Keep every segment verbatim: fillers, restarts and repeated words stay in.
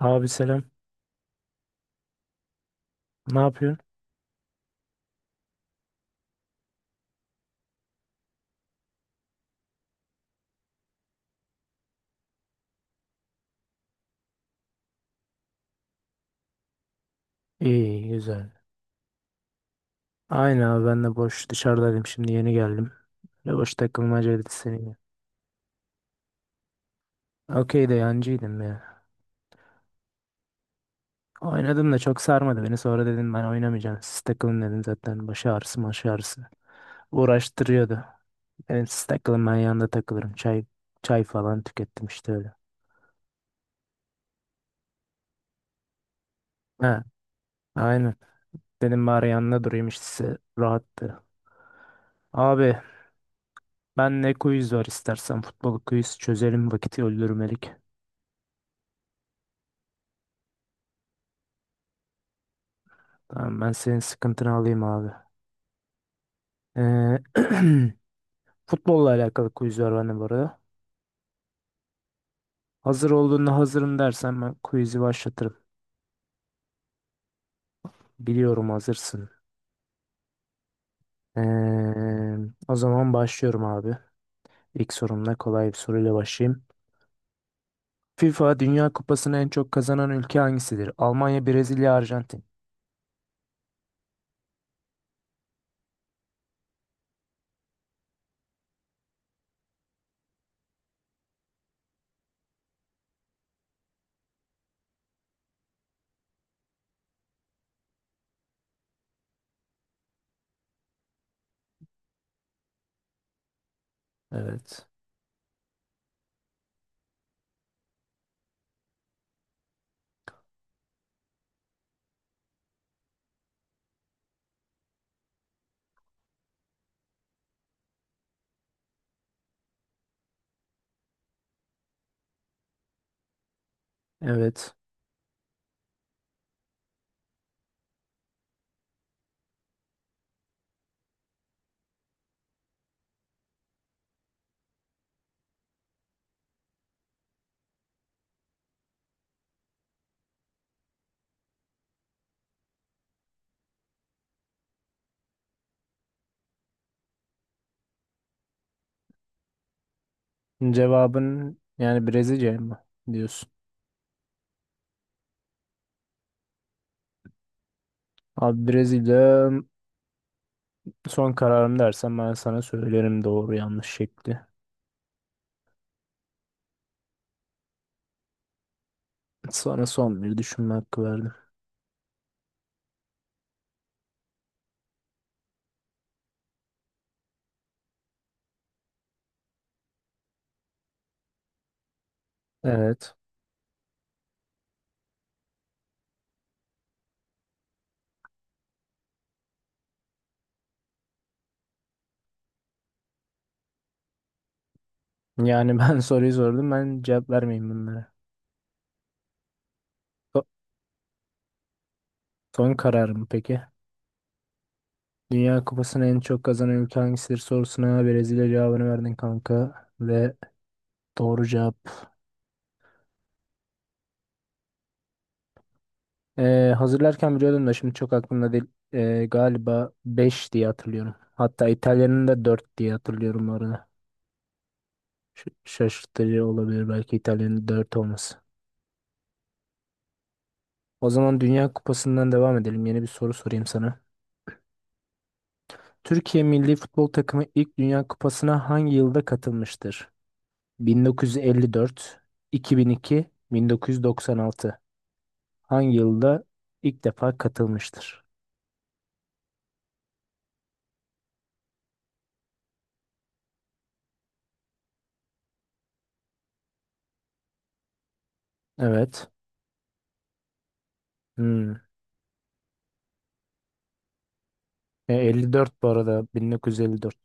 Abi selam. Ne yapıyorsun? İyi, güzel. Aynı abi ben de boş dışarıdaydım şimdi yeni geldim. Böyle boş takılmacaydı seninle. Okey de yancıydım ya. Oynadım da çok sarmadı beni. Sonra dedim ben oynamayacağım. Siz takılın dedim zaten. Baş ağrısı maş ağrısı. Uğraştırıyordu. Dedim siz takılın ben yanında takılırım. Çay çay falan tükettim işte öyle. Ha, aynen. Dedim bari yanında durayım işte size rahattı. Abi ben ne quiz var istersen futbol quiz çözelim vakit öldürmelik. Tamam ben senin sıkıntını alayım abi. Ee, futbolla alakalı quiz var bende bu arada. Hazır olduğunda hazırım dersen ben quiz'i başlatırım. Biliyorum hazırsın. Ee, o zaman başlıyorum abi. İlk sorumla kolay bir soruyla başlayayım. FIFA Dünya Kupası'nı en çok kazanan ülke hangisidir? Almanya, Brezilya, Arjantin. Evet. Evet. Cevabın yani Brezilya mı diyorsun? Abi Brezilya son kararım dersen ben sana söylerim doğru yanlış şekli. Sana son bir düşünme hakkı verdim. Evet. Yani ben soruyu sordum. Ben cevap vermeyeyim bunlara. So- Son kararım peki. Dünya Kupası'nı en çok kazanan ülke hangisidir sorusuna Brezilya cevabını verdin kanka. Ve doğru cevap. Ee, hazırlarken biliyordum da şimdi çok aklımda değil. Ee, galiba beş diye hatırlıyorum. Hatta İtalya'nın da dört diye hatırlıyorum bu arada. Ş- şaşırtıcı olabilir belki İtalya'nın dört olması. O zaman Dünya Kupası'ndan devam edelim. Yeni bir soru sorayım sana. Türkiye milli futbol takımı ilk Dünya Kupası'na hangi yılda katılmıştır? bin dokuz yüz elli dört, iki bin iki, bin dokuz yüz doksan altı. Hangi yılda ilk defa katılmıştır? Evet. Hmm. E, elli dört bu arada bin dokuz yüz elli dört.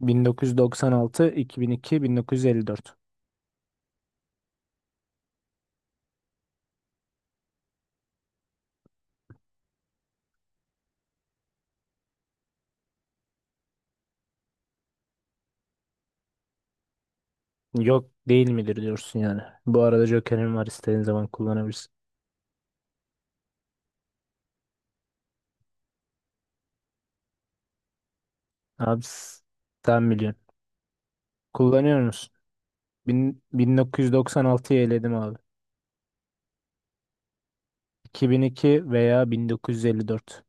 bin dokuz yüz doksan altı, iki bin iki, bin dokuz yüz elli dört. Yok değil midir diyorsun yani. Bu arada Joker'in var istediğin zaman kullanabilirsin. Abi s- sen biliyorsun. Kullanıyor musun? Bin- 1996'yı eledim abi. iki bin iki veya bin dokuz yüz elli dört.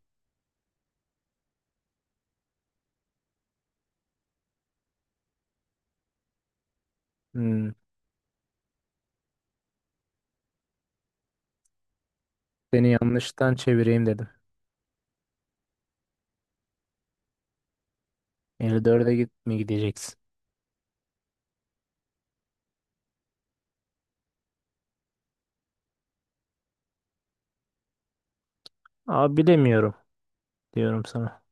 Hmm, seni yanlıştan çevireyim dedim. elli dörde git mi gideceksin? Abi bilemiyorum diyorum sana.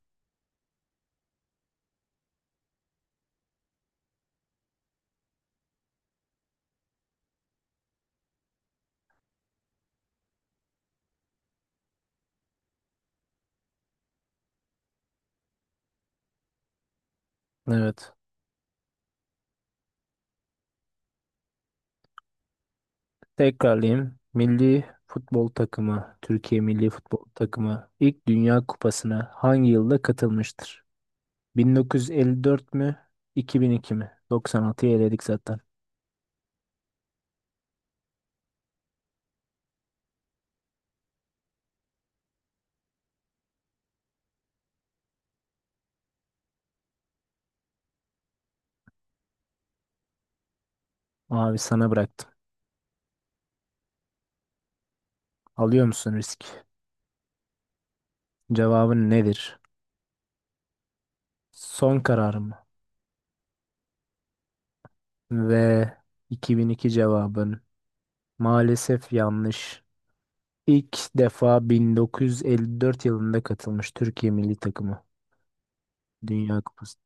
Evet. Tekrarlayayım. Milli futbol takımı, Türkiye Milli Futbol Takımı ilk Dünya Kupası'na hangi yılda katılmıştır? bin dokuz yüz elli dört mü? iki bin iki mi? doksan altıyı eledik zaten. Abi sana bıraktım. Alıyor musun risk? Cevabın nedir? Son kararım mı? Ve iki bin iki cevabın maalesef yanlış. İlk defa bin dokuz yüz elli dört yılında katılmış Türkiye milli takımı Dünya Kupası.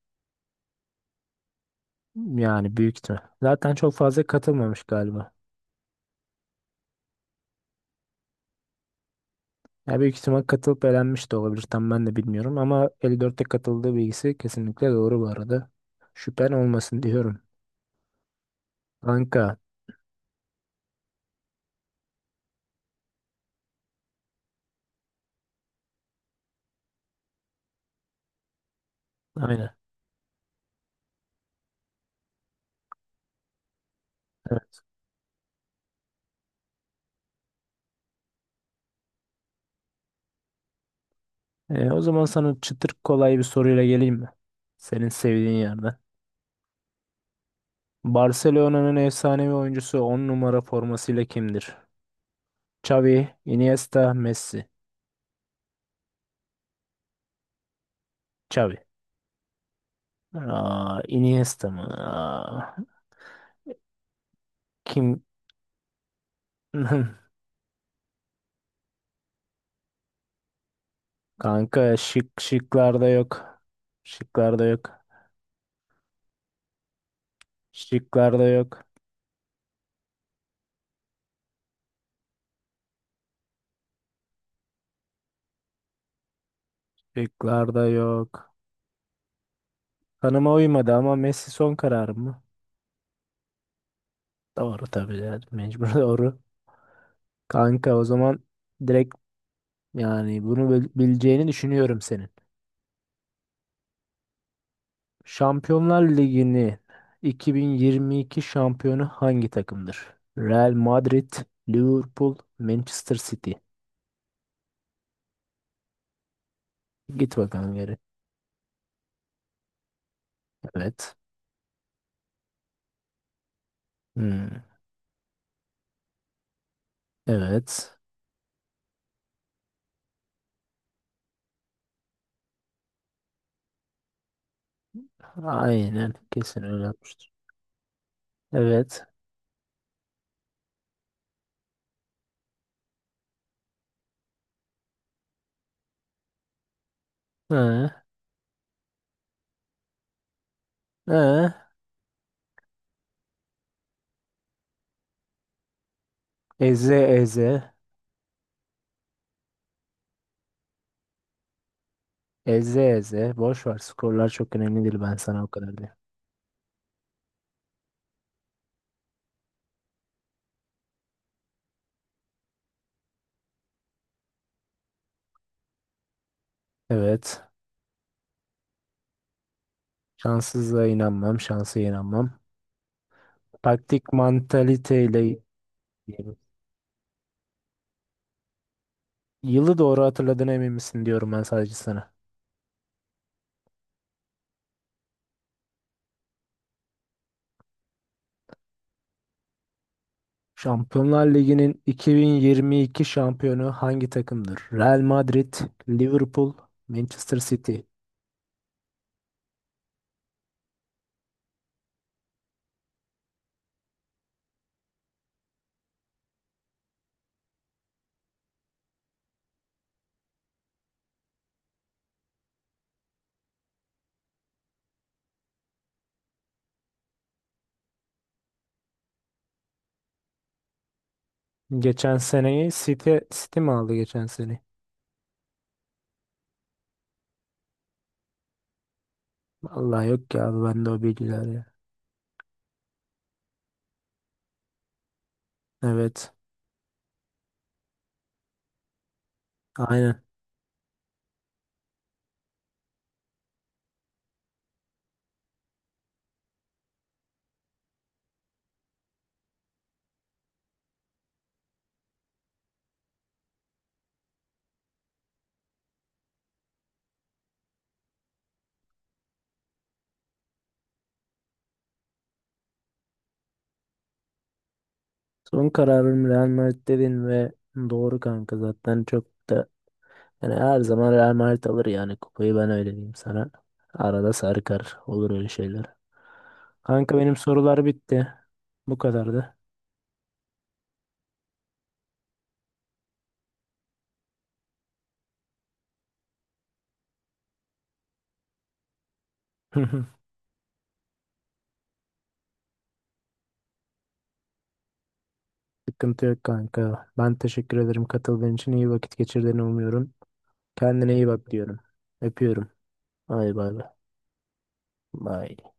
Yani büyük ihtimal. Zaten çok fazla katılmamış galiba. Ya büyük ihtimal katılıp elenmiş de olabilir. Tam ben de bilmiyorum ama elli dörtte katıldığı bilgisi kesinlikle doğru bu arada. Şüphen olmasın diyorum. Kanka. Aynen. Evet. Ee, o zaman sana çıtır kolay bir soruyla geleyim mi? Senin sevdiğin yerden. Barcelona'nın efsanevi oyuncusu on numara formasıyla kimdir? Xavi, Iniesta, Messi. Xavi. Aa, Iniesta mı? Aa, kim? Kanka şık şıklarda yok. Şıklarda yok. Şıklarda yok. Şıklarda yok. Kanıma uymadı ama Messi son kararım mı? Doğru tabii yani mecbur doğru. Kanka o zaman direkt yani bunu bil- bileceğini düşünüyorum senin. Şampiyonlar Ligi'nin iki bin yirmi iki şampiyonu hangi takımdır? Real Madrid, Liverpool, Manchester City. Git bakalım geri. Evet. Hmm. Evet. Aynen. Kesin öyle yapmıştır. Evet. Hı. Hı. Eze eze. Eze eze. Boş ver. Skorlar çok önemli değil. Ben sana o kadar diyeyim. Evet. Şanssızlığa inanmam. Şansa inanmam. Taktik mantaliteyle yılı doğru hatırladığına emin misin diyorum ben sadece sana. Şampiyonlar Ligi'nin iki bin yirmi iki şampiyonu hangi takımdır? Real Madrid, Liverpool, Manchester City. Geçen seneyi City, City mi aldı geçen sene? Vallahi yok ya abi bende o bilgiler ya. Evet. Aynen. Son kararım Real Madrid dedin ve doğru kanka zaten çok da yani her zaman Real Madrid alır yani kupayı ben öyle diyeyim sana. Arada sarkar olur öyle şeyler. Kanka benim sorular bitti. Bu kadardı. Sıkıntı yok kanka. Ben teşekkür ederim katıldığın için. İyi vakit geçirdiğini umuyorum. Kendine iyi bak diyorum. Öpüyorum. Bay bay bay. Bay.